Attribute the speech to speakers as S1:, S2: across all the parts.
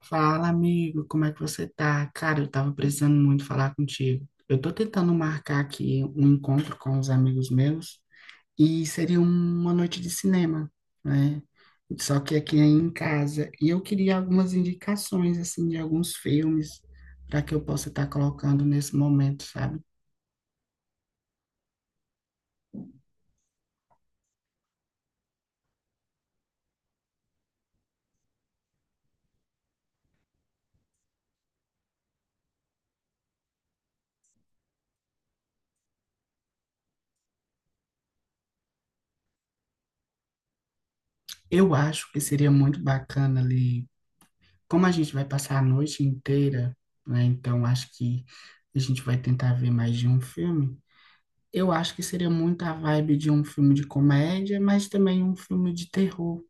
S1: Fala, amigo, como é que você tá? Cara, eu tava precisando muito falar contigo. Eu tô tentando marcar aqui um encontro com os amigos meus e seria uma noite de cinema, né? Só que aqui é em casa. E eu queria algumas indicações, assim, de alguns filmes para que eu possa estar colocando nesse momento, sabe? Eu acho que seria muito bacana ali, como a gente vai passar a noite inteira, né? Então acho que a gente vai tentar ver mais de um filme. Eu acho que seria muito a vibe de um filme de comédia, mas também um filme de terror,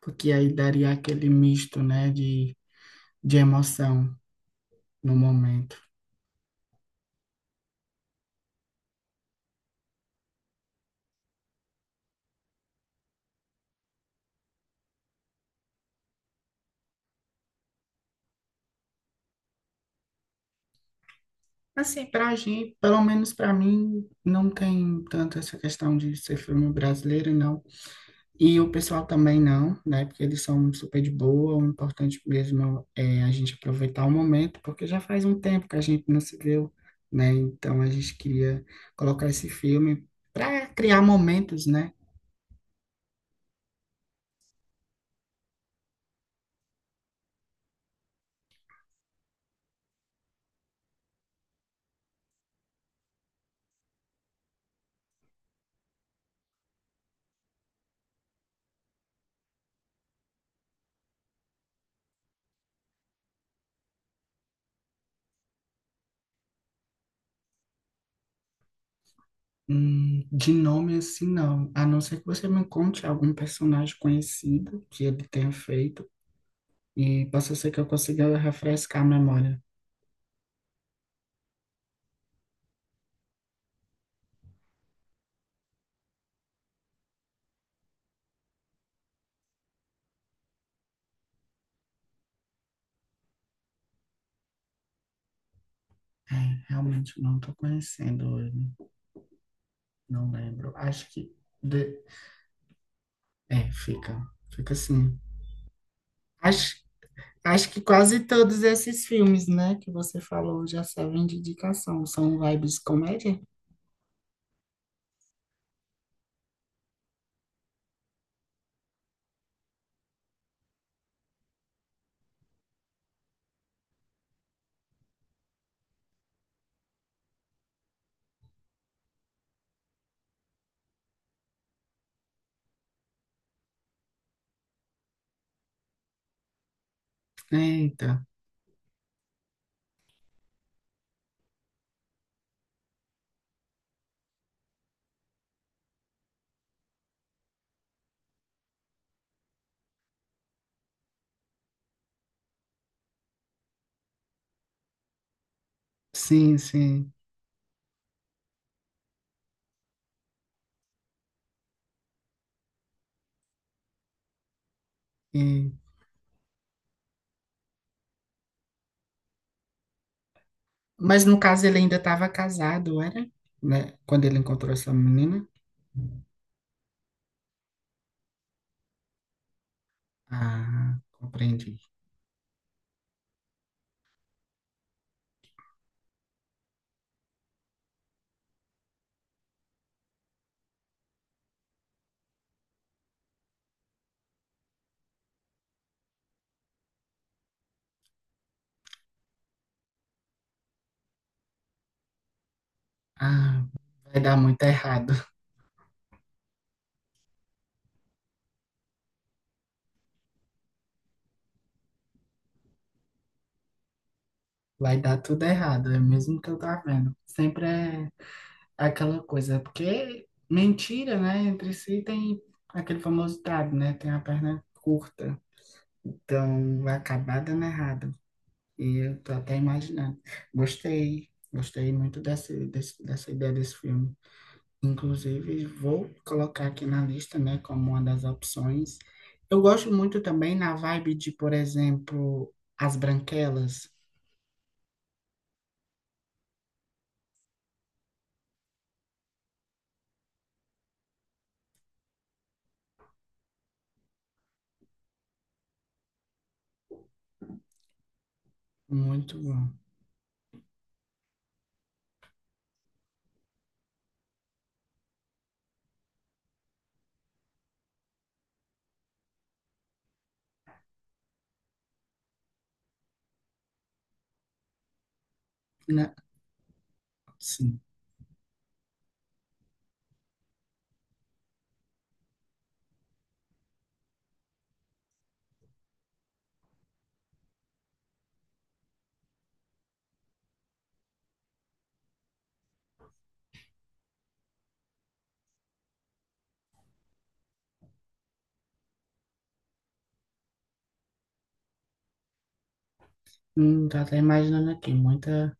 S1: porque aí daria aquele misto, né, de emoção no momento. Assim, pra gente, pelo menos pra mim, não tem tanto essa questão de ser filme brasileiro, não. E o pessoal também não, né, porque eles são super de boa. O importante mesmo é a gente aproveitar o momento, porque já faz um tempo que a gente não se viu, né, então a gente queria colocar esse filme para criar momentos, né? De nome assim, não. A não ser que você me conte algum personagem conhecido que ele tenha feito e possa ser que eu consiga refrescar a memória. É, realmente não estou conhecendo ele, não lembro. Acho que de... é, fica, fica assim. Acho, acho que quase todos esses filmes, né, que você falou já servem de indicação. São vibes comédia? Eita, sim, sim. Mas no caso ele ainda estava casado, era? Né? Quando ele encontrou essa menina? Ah, compreendi. Ah, vai dar muito errado. Vai dar tudo errado, é mesmo que eu tá vendo. Sempre é aquela coisa, é porque mentira, né? Entre si tem aquele famoso ditado, né? Tem a perna curta. Então vai acabar dando errado. E eu tô até imaginando. Gostei, gostei muito dessa ideia desse filme. Inclusive, vou colocar aqui na lista, né, como uma das opções. Eu gosto muito também na vibe de, por exemplo, As Branquelas. Muito bom. Né? Sim. Tô até imaginando aqui, muita,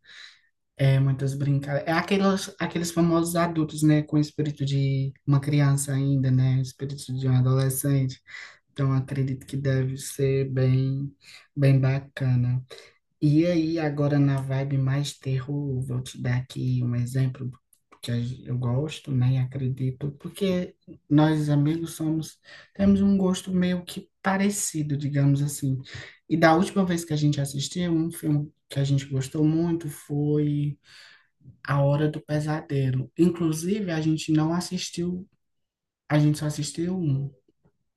S1: é, muitas brincadeiras. É aqueles famosos adultos, né, com o espírito de uma criança ainda, né, o espírito de um adolescente. Então, acredito que deve ser bem bacana. E aí, agora na vibe mais terror, vou te dar aqui um exemplo eu gosto, né? E acredito, porque nós amigos somos, temos um gosto meio que parecido, digamos assim. E da última vez que a gente assistiu, um filme que a gente gostou muito foi A Hora do Pesadelo. Inclusive, a gente não assistiu, a gente só assistiu um.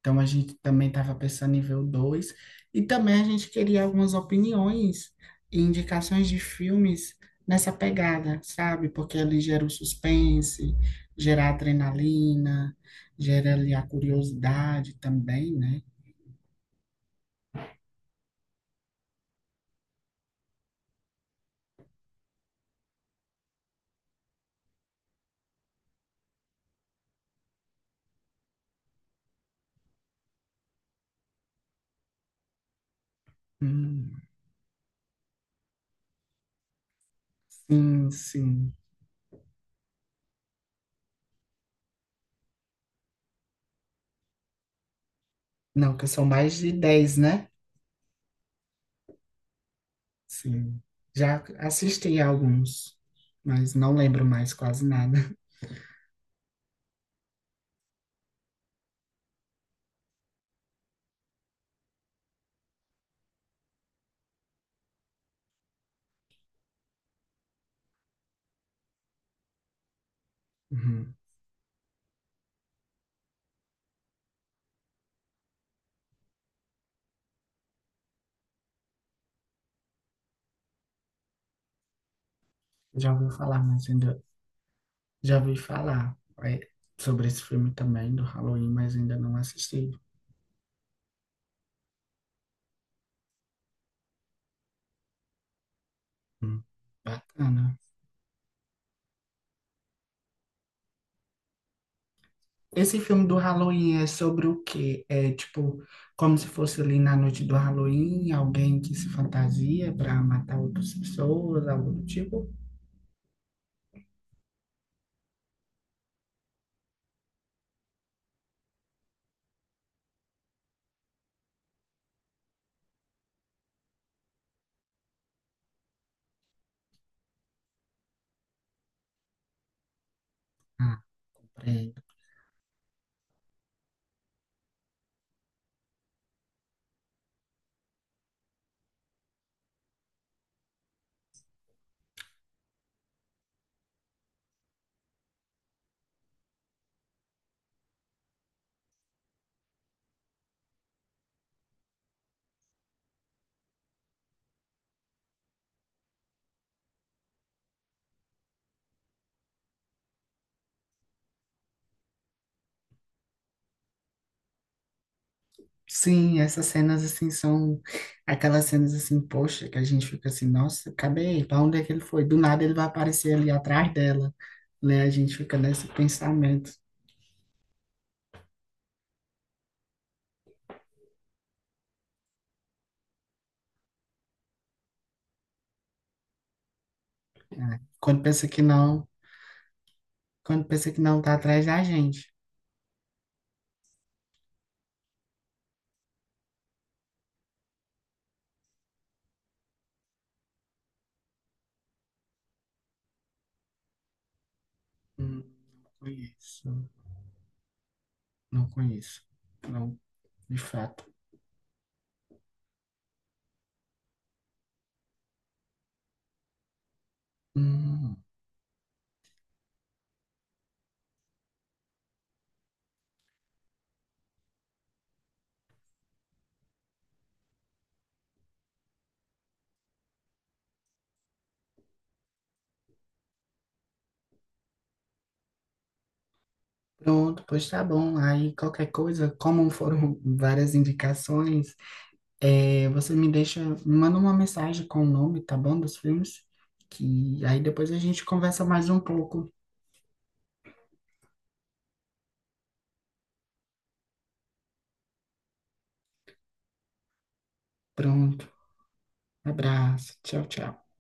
S1: Então a gente também estava pensando em ver o 2 e também a gente queria algumas opiniões e indicações de filmes nessa pegada, sabe? Porque ele gera o suspense, gera a adrenalina, gera ali a curiosidade também, né? Hum. Sim, sim. Não, que são mais de 10, né? Sim. Já assisti a alguns, mas não lembro mais quase nada. Uhum. Já ouvi falar, mas ainda. Já ouvi é, sobre esse filme também, do Halloween, mas ainda não assisti. Hum, Bacana. Esse filme do Halloween é sobre o quê? É tipo, como se fosse ali na noite do Halloween, alguém que se fantasia para matar outras pessoas, algo do tipo? Ah, é. Sim, essas cenas assim são aquelas cenas assim, poxa, que a gente fica assim, nossa, cadê ele? Para onde é que ele foi? Do nada ele vai aparecer ali atrás dela, né? A gente fica nesse pensamento. Quando pensa que não, quando pensa que não tá atrás da gente. Hum, não conheço, não conheço, não, de fato. Hum, pronto, pois tá bom. Aí qualquer coisa, como foram várias indicações, é, me manda uma mensagem com o nome, tá bom, dos filmes, que aí depois a gente conversa mais um pouco. Pronto. Abraço. Tchau, tchau.